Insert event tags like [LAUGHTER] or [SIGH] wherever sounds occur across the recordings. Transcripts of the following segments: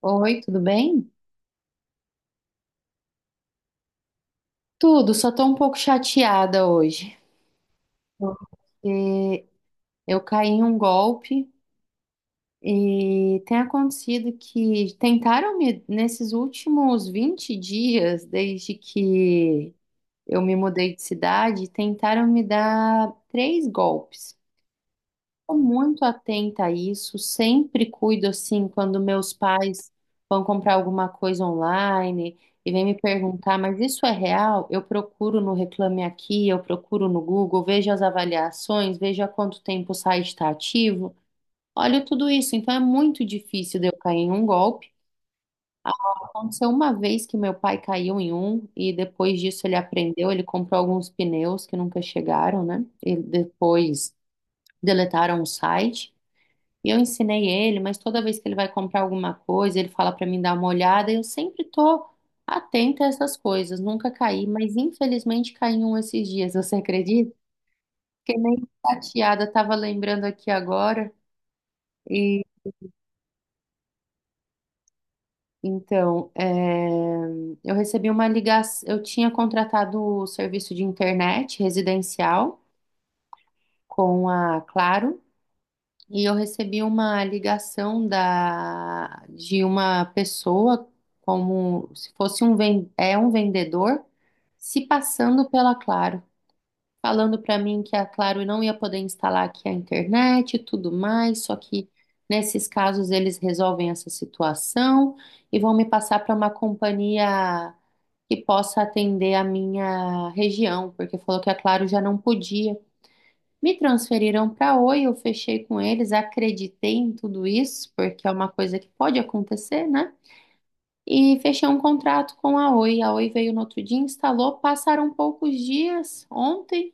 Oi, tudo bem? Tudo, só tô um pouco chateada hoje. Eu caí em um golpe e tem acontecido que nesses últimos 20 dias, desde que eu me mudei de cidade, tentaram me dar três golpes. Estou muito atenta a isso, sempre cuido assim quando meus pais vão comprar alguma coisa online e vêm me perguntar, mas isso é real? Eu procuro no Reclame Aqui, eu procuro no Google, vejo as avaliações, vejo há quanto tempo o site está ativo, olho tudo isso, então é muito difícil de eu cair em um golpe. Aconteceu uma vez que meu pai caiu em um e depois disso ele aprendeu, ele comprou alguns pneus que nunca chegaram, né? E depois deletaram o site. E eu ensinei ele, mas toda vez que ele vai comprar alguma coisa, ele fala para mim dar uma olhada, e eu sempre tô atenta a essas coisas, nunca caí, mas infelizmente caí em um esses dias, [LAUGHS] você acredita? Fiquei meio chateada, tava lembrando aqui agora. E então, eu recebi uma ligação, eu tinha contratado o serviço de internet residencial com a Claro. E eu recebi uma ligação de uma pessoa, como se fosse é um vendedor, se passando pela Claro, falando para mim que a Claro não ia poder instalar aqui a internet e tudo mais, só que nesses casos eles resolvem essa situação e vão me passar para uma companhia que possa atender a minha região, porque falou que a Claro já não podia. Me transferiram para Oi, eu fechei com eles, acreditei em tudo isso, porque é uma coisa que pode acontecer, né? E fechei um contrato com a Oi. A Oi veio no outro dia, instalou, passaram poucos dias. Ontem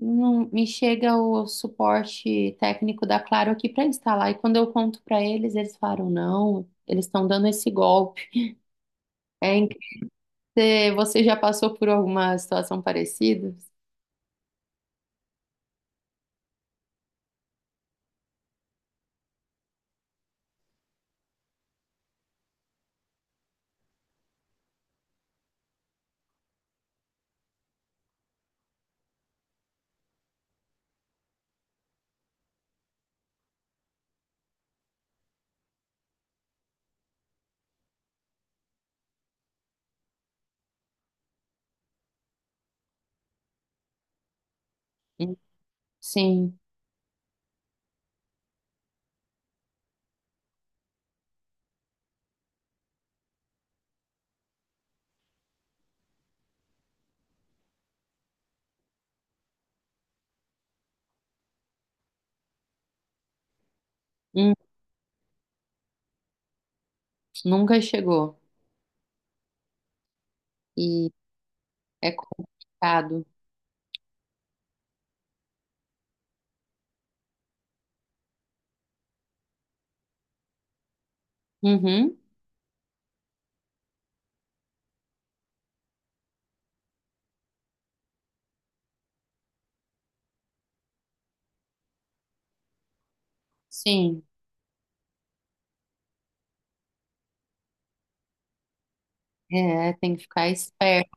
me chega o suporte técnico da Claro aqui para instalar. E quando eu conto para eles, eles falaram: não, eles estão dando esse golpe. É incrível. Você já passou por alguma situação parecida? Hum. Sim. Hum. Nunca chegou. E é complicado. Uhum, sim, é, tem que ficar esperto.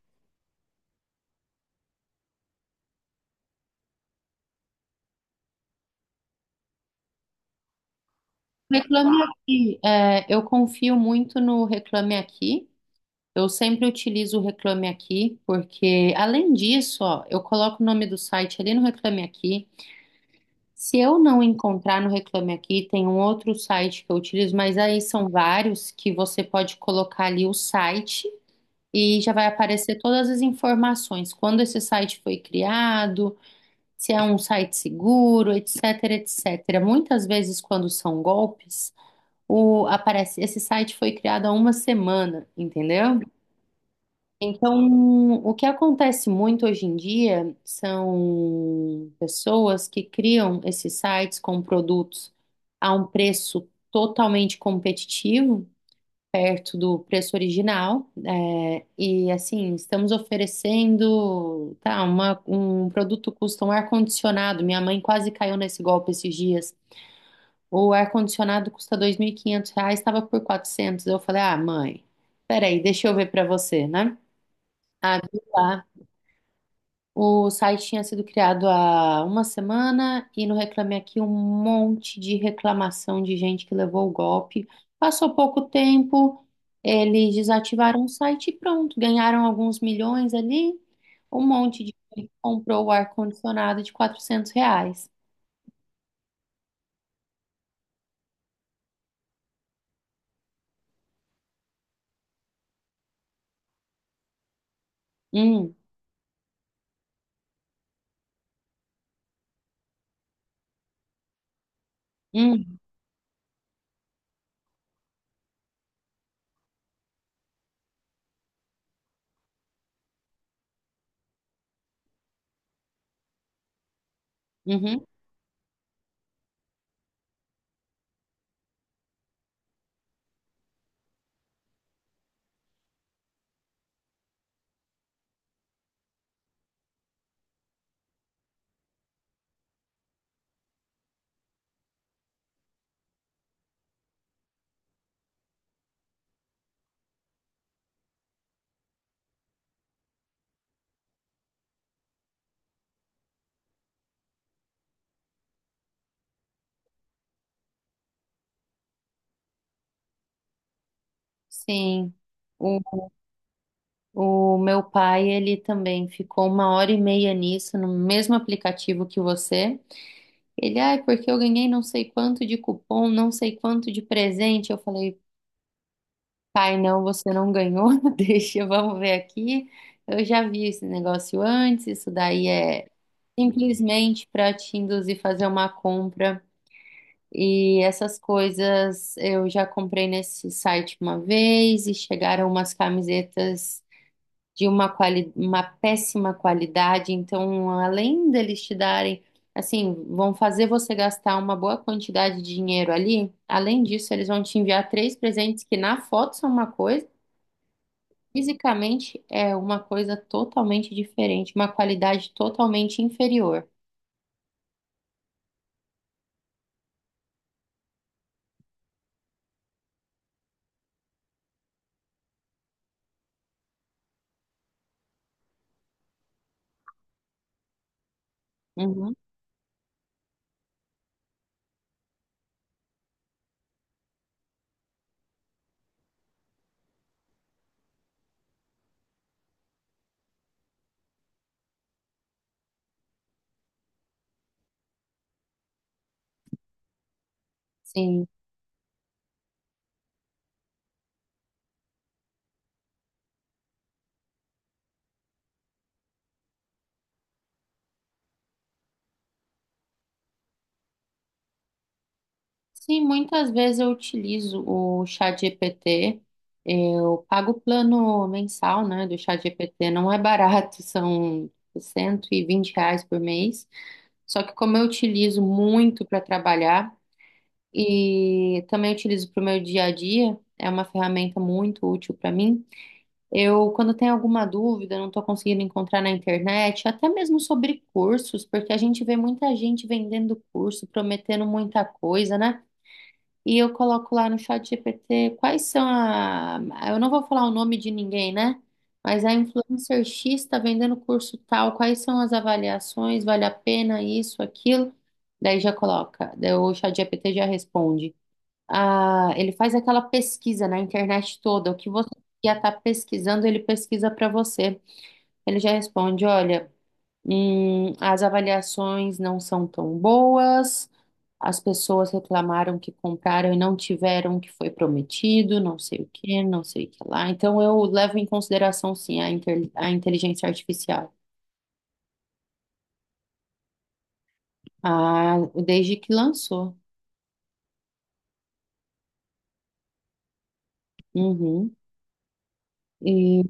Reclame Aqui, é, eu confio muito no Reclame Aqui. Eu sempre utilizo o Reclame Aqui, porque além disso, ó, eu coloco o nome do site ali no Reclame Aqui. Se eu não encontrar no Reclame Aqui, tem um outro site que eu utilizo, mas aí são vários que você pode colocar ali o site e já vai aparecer todas as informações, quando esse site foi criado, se é um site seguro, etc, etc. Muitas vezes, quando são golpes, aparece, esse site foi criado há uma semana, entendeu? Então, o que acontece muito hoje em dia são pessoas que criam esses sites com produtos a um preço totalmente competitivo, perto do preço original, é, e assim, estamos oferecendo, tá, um produto custa um ar-condicionado, minha mãe quase caiu nesse golpe esses dias, o ar-condicionado custa R$ 2.500, estava por 400. Eu falei, ah, mãe, peraí, deixa eu ver para você, né? Ah, o site tinha sido criado há uma semana e no Reclame Aqui um monte de reclamação de gente que levou o golpe. Passou pouco tempo, eles desativaram o site e pronto, ganharam alguns milhões ali. Um monte de gente comprou o ar-condicionado de R$ 400. Hum, hum, uhum, sim. O, o meu pai, ele também ficou uma hora e meia nisso, no mesmo aplicativo que você. Ele, ai, porque eu ganhei não sei quanto de cupom, não sei quanto de presente. Eu falei, pai, não, você não ganhou, [LAUGHS] deixa, vamos ver aqui. Eu já vi esse negócio antes, isso daí é simplesmente para te induzir a fazer uma compra. E essas coisas eu já comprei nesse site uma vez e chegaram umas camisetas de uma péssima qualidade. Então, além deles te darem, assim, vão fazer você gastar uma boa quantidade de dinheiro ali, além disso, eles vão te enviar três presentes que na foto são uma coisa, fisicamente é uma coisa totalmente diferente, uma qualidade totalmente inferior. Uhum. Sim. Sim, muitas vezes eu utilizo o ChatGPT. Eu pago o plano mensal, né, do ChatGPT. Não é barato, [LAUGHS] são R$ 120 por mês. Só que como eu utilizo muito para trabalhar e também utilizo para o meu dia a dia, é uma ferramenta muito útil para mim. Eu, quando tenho alguma dúvida, não estou conseguindo encontrar na internet, até mesmo sobre cursos, porque a gente vê muita gente vendendo curso, prometendo muita coisa, né? E eu coloco lá no Chat GPT quais são a. Eu não vou falar o nome de ninguém, né? Mas a influencer X está vendendo curso tal, quais são as avaliações, vale a pena isso, aquilo? Daí já coloca, daí o Chat GPT já responde. Ah, ele faz aquela pesquisa na internet toda, o que você já está pesquisando, ele pesquisa para você. Ele já responde, olha. As avaliações não são tão boas. As pessoas reclamaram que compraram e não tiveram o que foi prometido, não sei o que, não sei o que lá. Então eu levo em consideração sim a inteligência artificial, a- desde que lançou. Uhum. E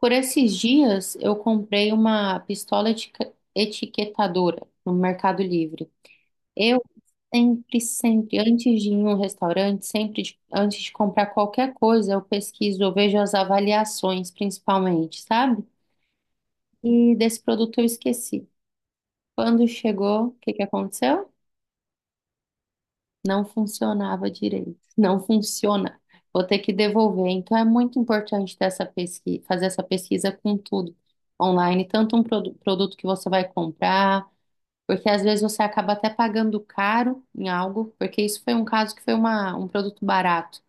por esses dias eu comprei uma pistola etiquetadora no Mercado Livre. Eu sempre, sempre, antes de ir em um restaurante, sempre antes de comprar qualquer coisa, eu pesquiso, eu vejo as avaliações, principalmente, sabe? E desse produto eu esqueci. Quando chegou, o que que aconteceu? Não funcionava direito. [LAUGHS] Não funciona. Vou ter que devolver. Então é muito importante ter essa pesquisa, fazer essa pesquisa com tudo online, tanto um produto que você vai comprar. Porque às vezes você acaba até pagando caro em algo, porque isso foi um caso que foi um produto barato.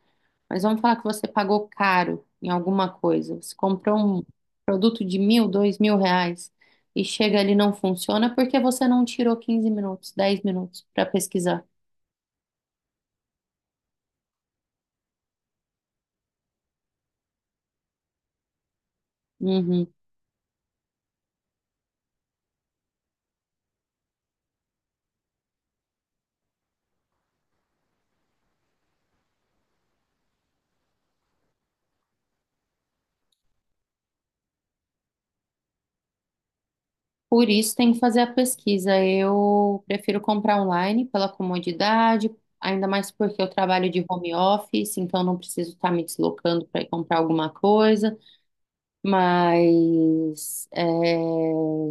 Mas vamos falar que você pagou caro em alguma coisa. Você comprou um produto de 1.000, R$ 2.000 e chega ali e não funciona porque você não tirou 15 minutos, 10 minutos para pesquisar. Uhum. Por isso tem que fazer a pesquisa. Eu prefiro comprar online pela comodidade, ainda mais porque eu trabalho de home office, então não preciso estar me deslocando para ir comprar alguma coisa. Mas é,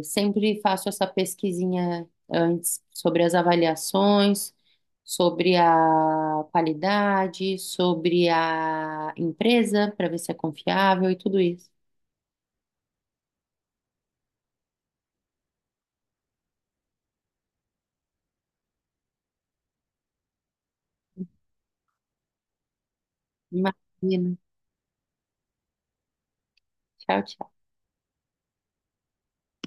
sempre faço essa pesquisinha antes sobre as avaliações, sobre a qualidade, sobre a empresa, para ver se é confiável e tudo isso. Imagina. Tchau, tchau.